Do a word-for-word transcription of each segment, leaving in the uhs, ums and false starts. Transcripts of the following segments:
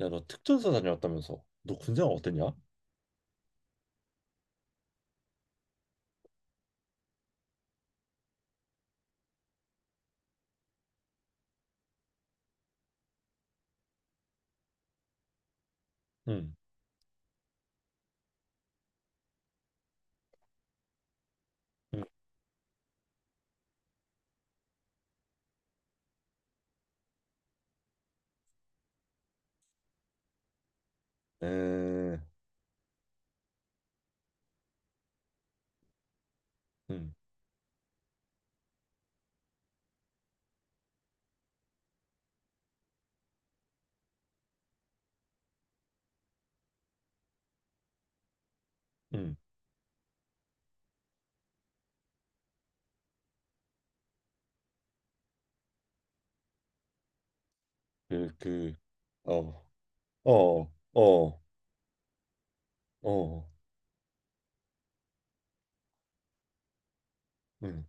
야, 너 특전사 다녀왔다면서? 너 군생활 어땠냐? 응. 응. 에. 응. 응. 그, 그, 어, 어. 어. 어. 응.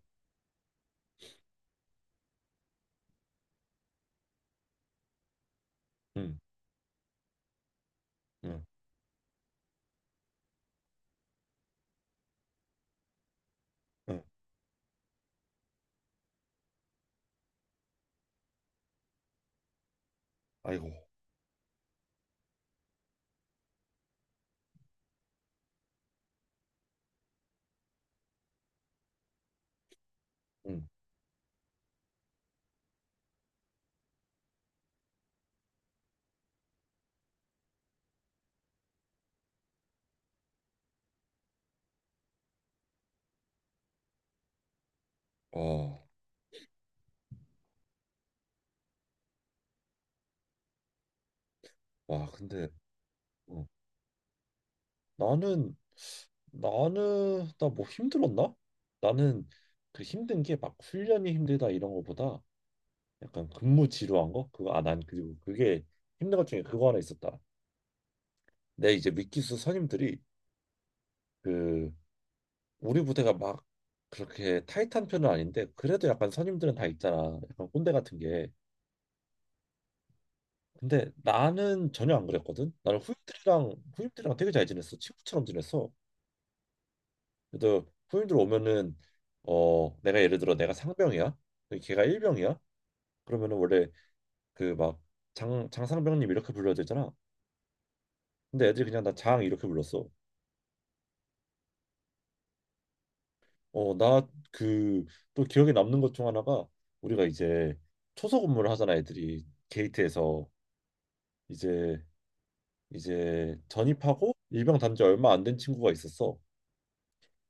응. 응. 응. 아이고. 응. 와. 와, 근데, 어, 나는, 나는, 나 뭐 힘들었나? 나는 그 힘든 게 막 훈련이 힘들다 이런 거보다 약간 근무 지루한 거? 그거, 아, 난 그리고 그게 힘든 것 중에 그거 하나 있었다. 내 이제 미기수 선임들이 그 우리 부대가 막 그렇게 타이트한 편은 아닌데 그래도 약간 선임들은 다 있잖아. 약간 꼰대 같은 게. 근데 나는 전혀 안 그랬거든. 나는 후임들이랑 후임들이랑 되게 잘 지냈어. 친구처럼 지냈어. 그래도 후임들 오면은 어 내가 예를 들어 내가 상병이야. 근데 걔가 일병이야. 그러면은 원래 그 막 장 장상병님 이렇게 불러야 되잖아. 근데 애들이 그냥 나 장 이렇게 불렀어. 어 나 그 또 기억에 남는 것 중 하나가 우리가 이제 초소 근무를 하잖아, 애들이 게이트에서. 이제 이제 전입하고 일병 단지 얼마 안 된 친구가 있었어.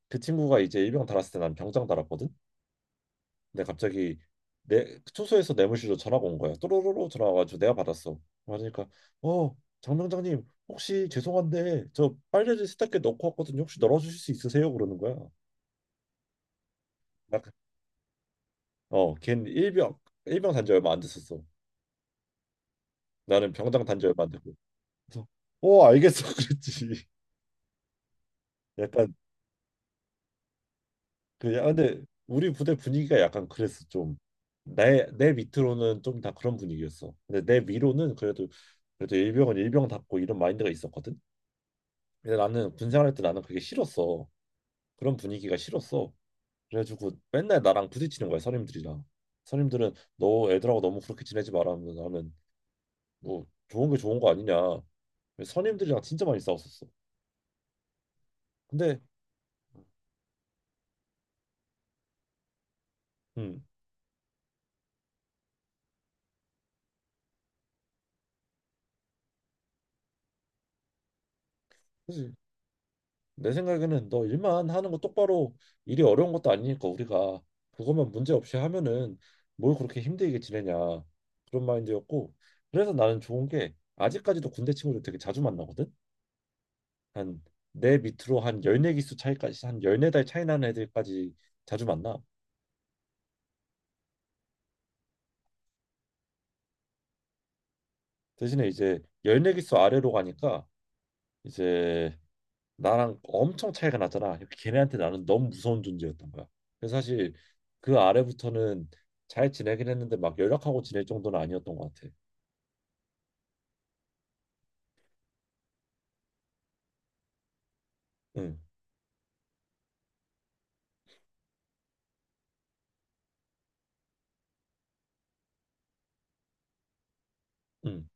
그 친구가 이제 일병 달았을 때 난 병장 달았거든. 근데 갑자기 내 초소에서 뇌물실로 전화가 온 거야. 또로로로 전화가 와가지고 내가 받았어. 그러니까 어, 장병장님 혹시 죄송한데 저 빨래를 세탁기에 넣고 왔거든요. 혹시 널어주실 수 있으세요? 그러는 거야. 나, 어, 걘 일병 일병 단지 얼마 안 됐었어. 나는 병장 단지 얼마 안 됐고. 그래서 어 알겠어 그랬지. 약간. 그 야, 근데 우리 부대 분위기가 약간 그랬어, 좀. 내 내 밑으로는 좀 다 그런 분위기였어. 근데 내 위로는 그래도, 그래도 일병은 일병답고 이런 마인드가 있었거든. 근데 나는 군 생활할 때 나는 그게 싫었어. 그런 분위기가 싫었어. 그래가지고 맨날 나랑 부딪히는 거야, 선임들이랑. 선임들은 너 애들하고 너무 그렇게 지내지 마라 하면 나는 뭐, 좋은 게 좋은 거 아니냐. 선임들이랑 진짜 많이 싸웠었어. 근데. 음. 그래서 내 생각에는 너 일만 하는 거 똑바로, 일이 어려운 것도 아니니까 우리가 그것만 문제 없이 하면은 뭘 그렇게 힘들게 지내냐, 그런 마인드였고. 그래서 나는 좋은 게 아직까지도 군대 친구들 되게 자주 만나거든. 한, 내 밑으로 한 십사 기수 차이까지, 한 열네 달 차이 나는 애들까지 자주 만나. 대신에 이제 십사 기수 아래로 가니까 이제 나랑 엄청 차이가 났잖아. 걔네한테 나는 너무 무서운 존재였던 거야. 그래서 사실 그 아래부터는 잘 지내긴 했는데 막 연락하고 지낼 정도는 아니었던 것 같아. 응. 응.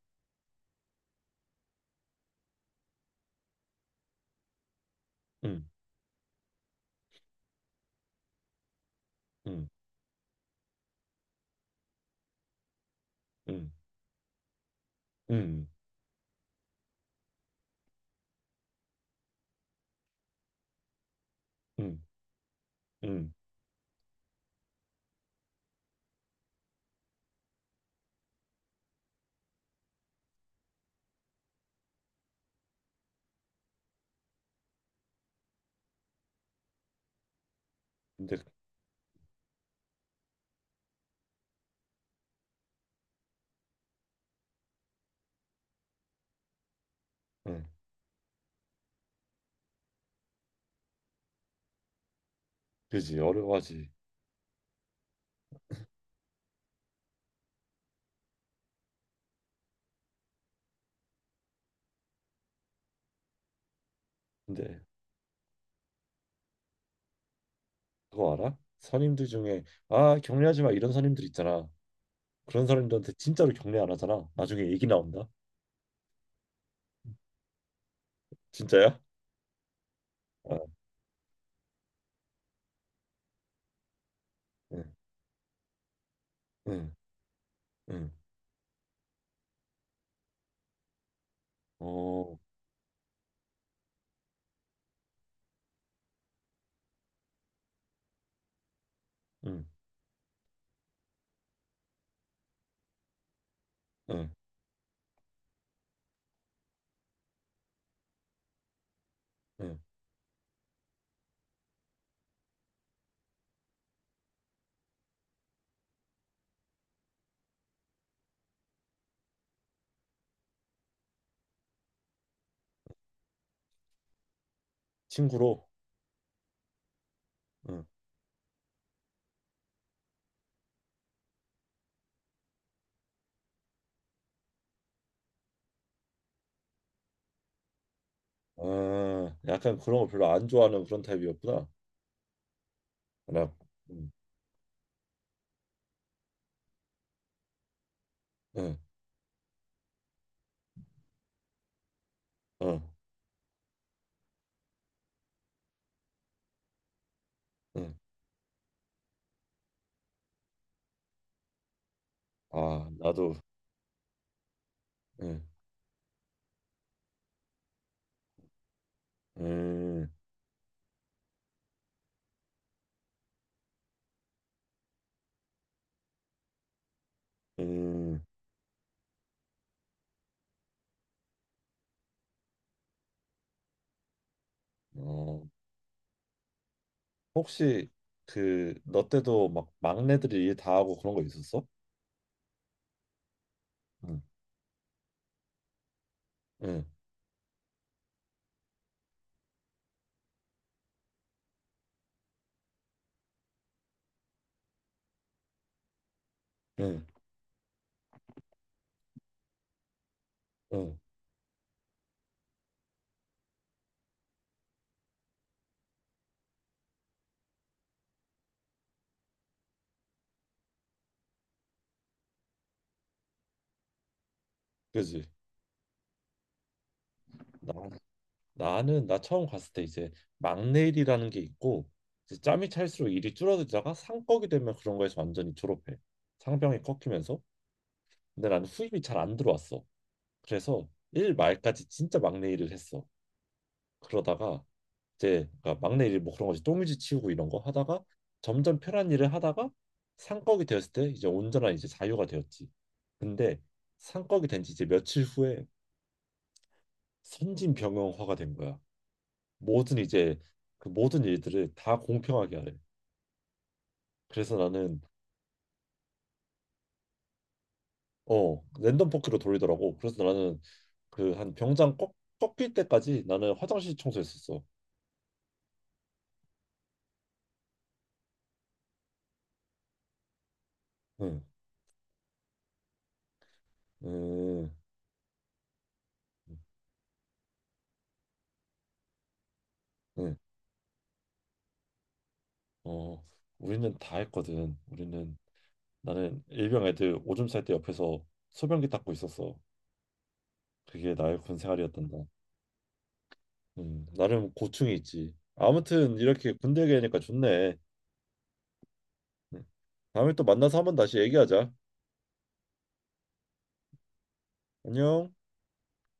응. 응. 응. 응. 응. 응. 근데. 응. 그지, 어려워하지. 근데 그거 알아? 선임들 중에 아 격려하지 마 이런 선임들 있잖아. 그런 사람들한테 진짜로 격려 안 하잖아. 나중에 얘기 나온다. 진짜야? 어. 응. 응. 응. 어. 응. 응. 응. 친구로. 응. 아, 약간 그런 거 별로 안 좋아하는 그런 타입이었구나. 나. 음. 응. 응. 응. 아, 나도. 응. 음. 음. 어, 혹시 그 너 때도 막 막내들이 일 다 하고 그런 거 있었어? 응. 응. 응. 응. 그지. 나, 나는 나 처음 갔을 때 이제 막내 일이라는 게 있고, 이제 짬이 찰수록 일이 줄어들다가 상꺽이 되면 그런 거에서 완전히 졸업해. 상병이 꺾이면서. 근데 나는 후임이 잘 안 들어왔어. 그래서 일 말까지 진짜 막내 일을 했어. 그러다가 이제, 그러니까 막내 일 뭐 그런 거지. 똥유지 치우고 이런 거 하다가 점점 편한 일을 하다가 상꺽이 되었을 때 이제 온전한 이제 자유가 되었지. 근데 상꺽이 된 지 이제 며칠 후에 선진병영화가 된 거야. 모든 이제 그 모든 일들을 다 공평하게 하래. 그래서 나는 어 랜덤 포크로 돌리더라고. 그래서 나는 그 한 병장 꺾, 꺾일 때까지 나는 화장실 청소했었어. 응. 응. 응. 응. 어, 우리는 다 했거든. 우리는, 나는 일병 애들 오줌 쌀 때 옆에서 소변기 닦고 있었어. 그게 나의 군 생활이었단다. 음, 나름 고충이 있지. 아무튼 이렇게 군대 얘기하니까 좋네. 음, 다음에 또 만나서 한번 다시 얘기하자. 안녕.